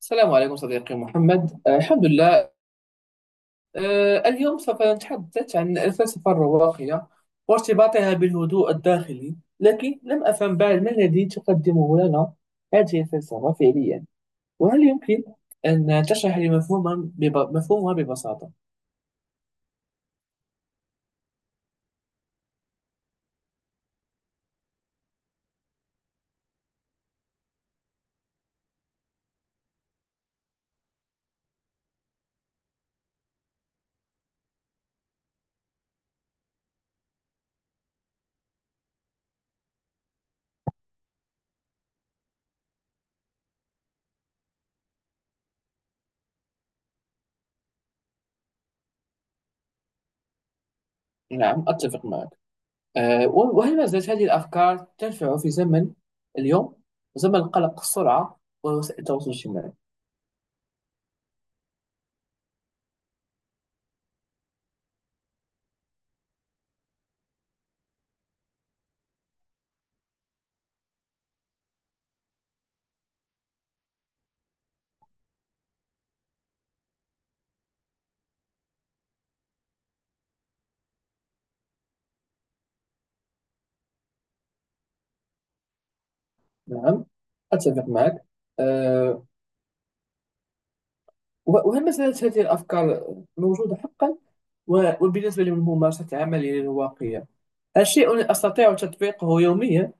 السلام عليكم صديقي محمد. الحمد لله. اليوم سوف نتحدث عن الفلسفة الرواقية وارتباطها بالهدوء الداخلي، لكن لم أفهم بعد ما الذي تقدمه لنا هذه الفلسفة فعليا. وهل يمكن أن تشرح لي مفهومها مفهومها ببساطة؟ نعم، أتفق معك. وهل ما زالت هذه الأفكار تنفع في زمن اليوم، زمن قلق السرعة ووسائل التواصل الاجتماعي؟ نعم، أتفق معك. آه، وهل مسألة هذه الأفكار موجودة حقا؟ وبالنسبة لممارسة عملي للواقية، هل شيء أستطيع تطبيقه يوميا؟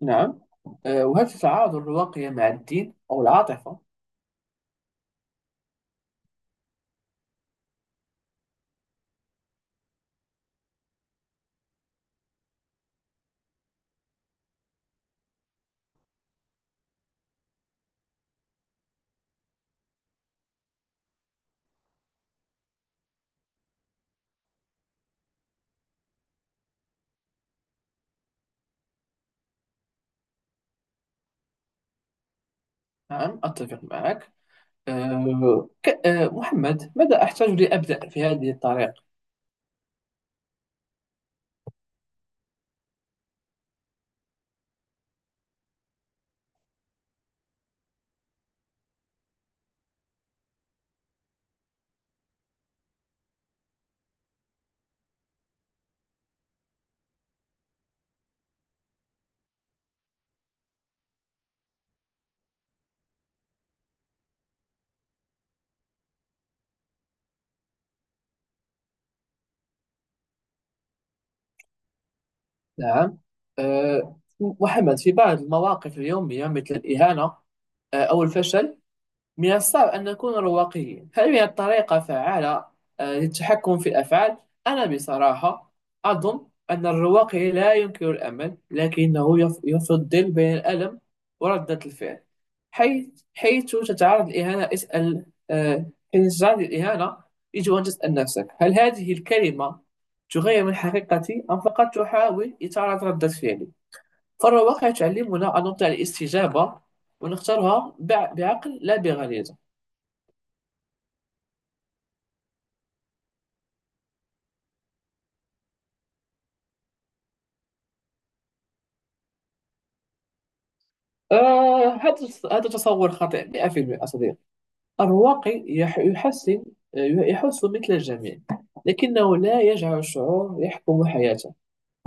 نعم. وهل تتعارض الواقية مع الدين أو العاطفة؟ نعم، أتفق معك. محمد، ماذا أحتاج لأبدأ في هذه الطريق؟ نعم. محمد، في بعض المواقف اليومية مثل الإهانة أو الفشل، من الصعب أن نكون رواقيين. هل من طريقة فعالة للتحكم في الأفعال؟ أنا بصراحة أظن أن الرواقي لا ينكر الأمل، لكنه يفضل بين الألم وردة الفعل. حيث حيث تتعرض للإهانة اسأل، حين تتعرض للإهانة يجب أن تسأل نفسك، هل هذه الكلمة تغير من حقيقتي أم فقط تحاول إثارة ردة فعلي؟ فالرواقي تعلمنا أن نطيع الاستجابة ونختارها بعقل لا بغريزة. آه هذا هذا تصور خاطئ 100% صديقي. الواقع آه، يحس مثل الجميع، لكنه لا يجعل الشعور يحكم حياته.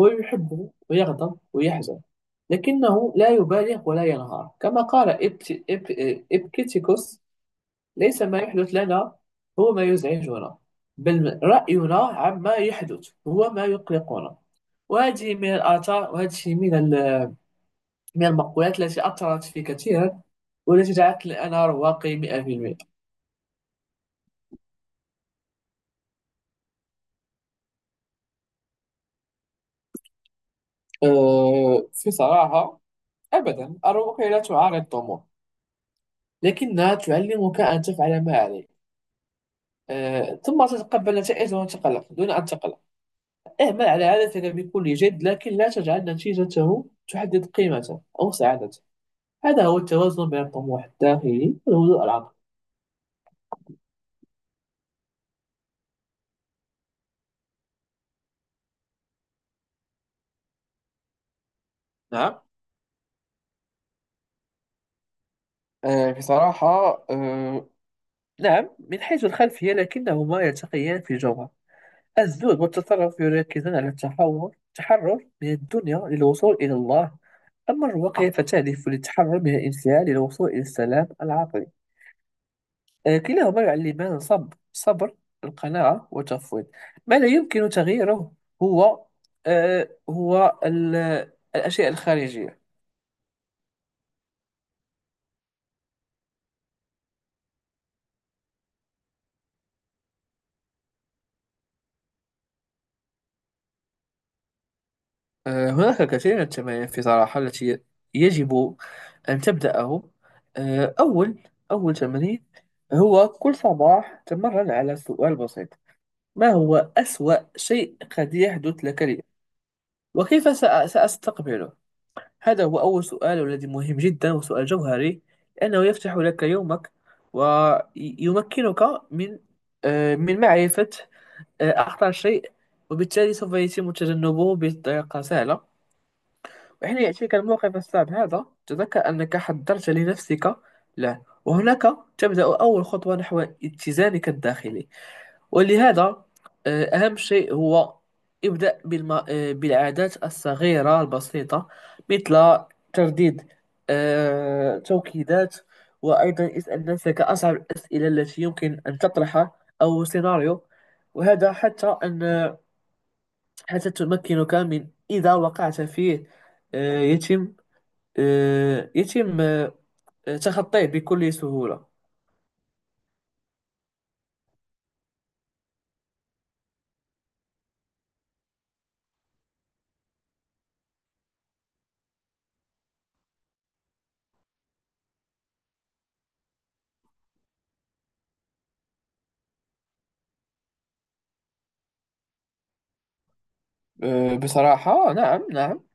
هو يحب ويغضب ويحزن، لكنه لا يبالغ ولا ينهار. كما قال إبكتيكوس: ليس ما يحدث لنا هو ما يزعجنا، بل رأينا عما يحدث هو ما يقلقنا. وهذه من الآثار وهذه من ال من المقولات التي أثرت في كثيرا، والتي جعلتني أنا رواقي 100%. في صراحة، أبدا الرواقية لا تعارض الطموح، لكنها تعلمك أن تفعل ما عليك، ثم تتقبل النتائج دون تقلق، دون أن تقلق. اعمل على هدفك بكل جد، لكن لا تجعل نتيجته تحدد قيمته أو سعادته. هذا هو التوازن بين الطموح الداخلي والهدوء العقلي. نعم. بصراحة، نعم، من حيث الخلفية، لكنهما يلتقيان في الجوهر. الزهد والتطرف يركزون على التحول، التحرر من الدنيا للوصول إلى الله. أما الرواقية فتهدف للتحرر من الانفعال للوصول إلى السلام العقلي. كلاهما يعلمان الصبر، صبر القناعة والتفويض. ما لا يمكن تغييره هو آه، هو ال- الأشياء الخارجية. هناك الكثير من التمارين في صراحة، التي يجب أن تبدأه. آه، أول أول تمرين هو كل صباح تمرن على سؤال بسيط: ما هو أسوأ شيء قد يحدث لك، لي، وكيف سأستقبله؟ هذا هو أول سؤال، والذي مهم جدا، وسؤال جوهري لأنه يفتح لك يومك ويمكنك من من معرفة أخطر شيء، وبالتالي سوف يتم تجنبه بطريقة سهلة. وحين يأتيك الموقف الصعب هذا، تذكر أنك حضرت لنفسك له، وهناك تبدأ أول خطوة نحو اتزانك الداخلي. ولهذا أهم شيء هو: ابدأ بالم... آه، بالعادات الصغيرة البسيطة، مثل ترديد توكيدات، وأيضا اسأل نفسك أصعب الأسئلة التي يمكن أن تطرحها، أو سيناريو، وهذا حتى تمكنك من، إذا وقعت فيه، آه، يتم يتم تخطيه بكل سهولة. بصراحة، نعم، نعم،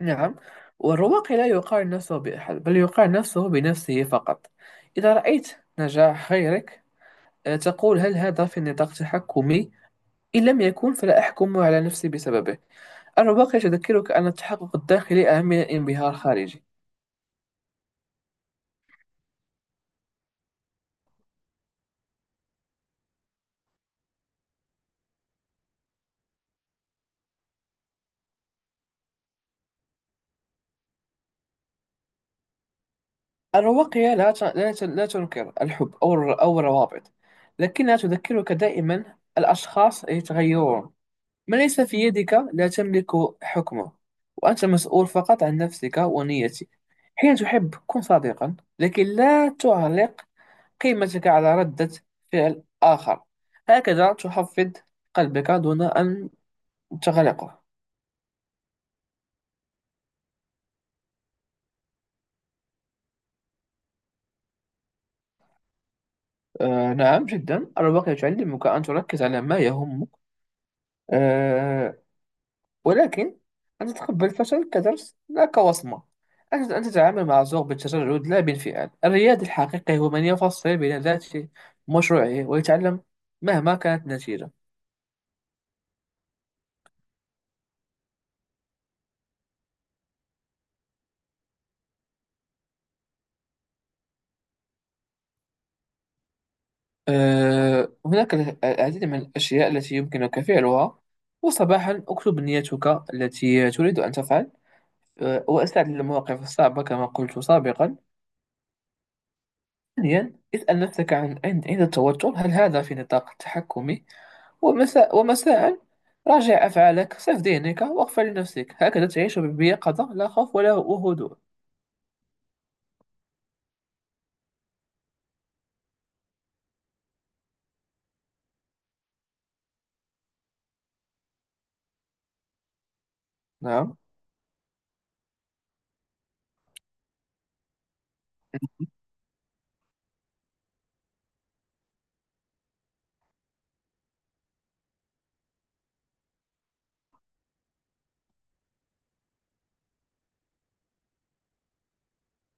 نعم. والرواقي لا يقارن نفسه بأحد، بل يقارن نفسه بنفسه فقط. إذا رأيت نجاح غيرك، تقول هل هذا في نطاق تحكمي؟ إن لم يكن فلا أحكم على نفسي بسببه. الرواقي تذكرك أن التحقق الداخلي أهم من الانبهار الخارجي. الرواقية لا تنكر الحب أو أو الروابط، لكنها تذكرك دائما: الأشخاص يتغيرون، ما ليس في يدك لا تملك حكمه، وأنت مسؤول فقط عن نفسك ونيتك. حين تحب كن صادقا، لكن لا تعلق قيمتك على ردة فعل آخر. هكذا تحفظ قلبك دون أن تغلقه. نعم، جدا. الواقع يعلمك أن تركز على ما يهمك، آه ولكن أن تتقبل الفشل كدرس لا كوصمة، أن تتعامل مع الذوق بالتجرد لا بانفعال. الرياد الحقيقي هو من يفصل بين ذاته ومشروعه ويتعلم مهما كانت النتيجة. هناك العديد من الأشياء التي يمكنك فعلها. وصباحا اكتب نيتك التي تريد أن تفعل، واستعد للمواقف الصعبة كما قلت سابقا. ثانيا، اسأل نفسك عن عند عند التوتر، هل هذا في نطاق تحكمي؟ ومساء راجع أفعالك، صف ذهنك، واغفر لنفسك. هكذا تعيش بيقظة، لا خوف ولا هدوء. نعم،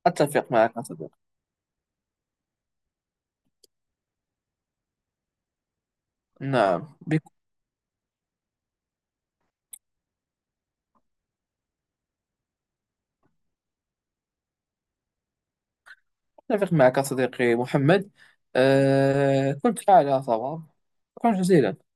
أتفق معك صديقي. نعم، أتفق معك صديقي محمد. كنت على صواب. شكرا جزيلا.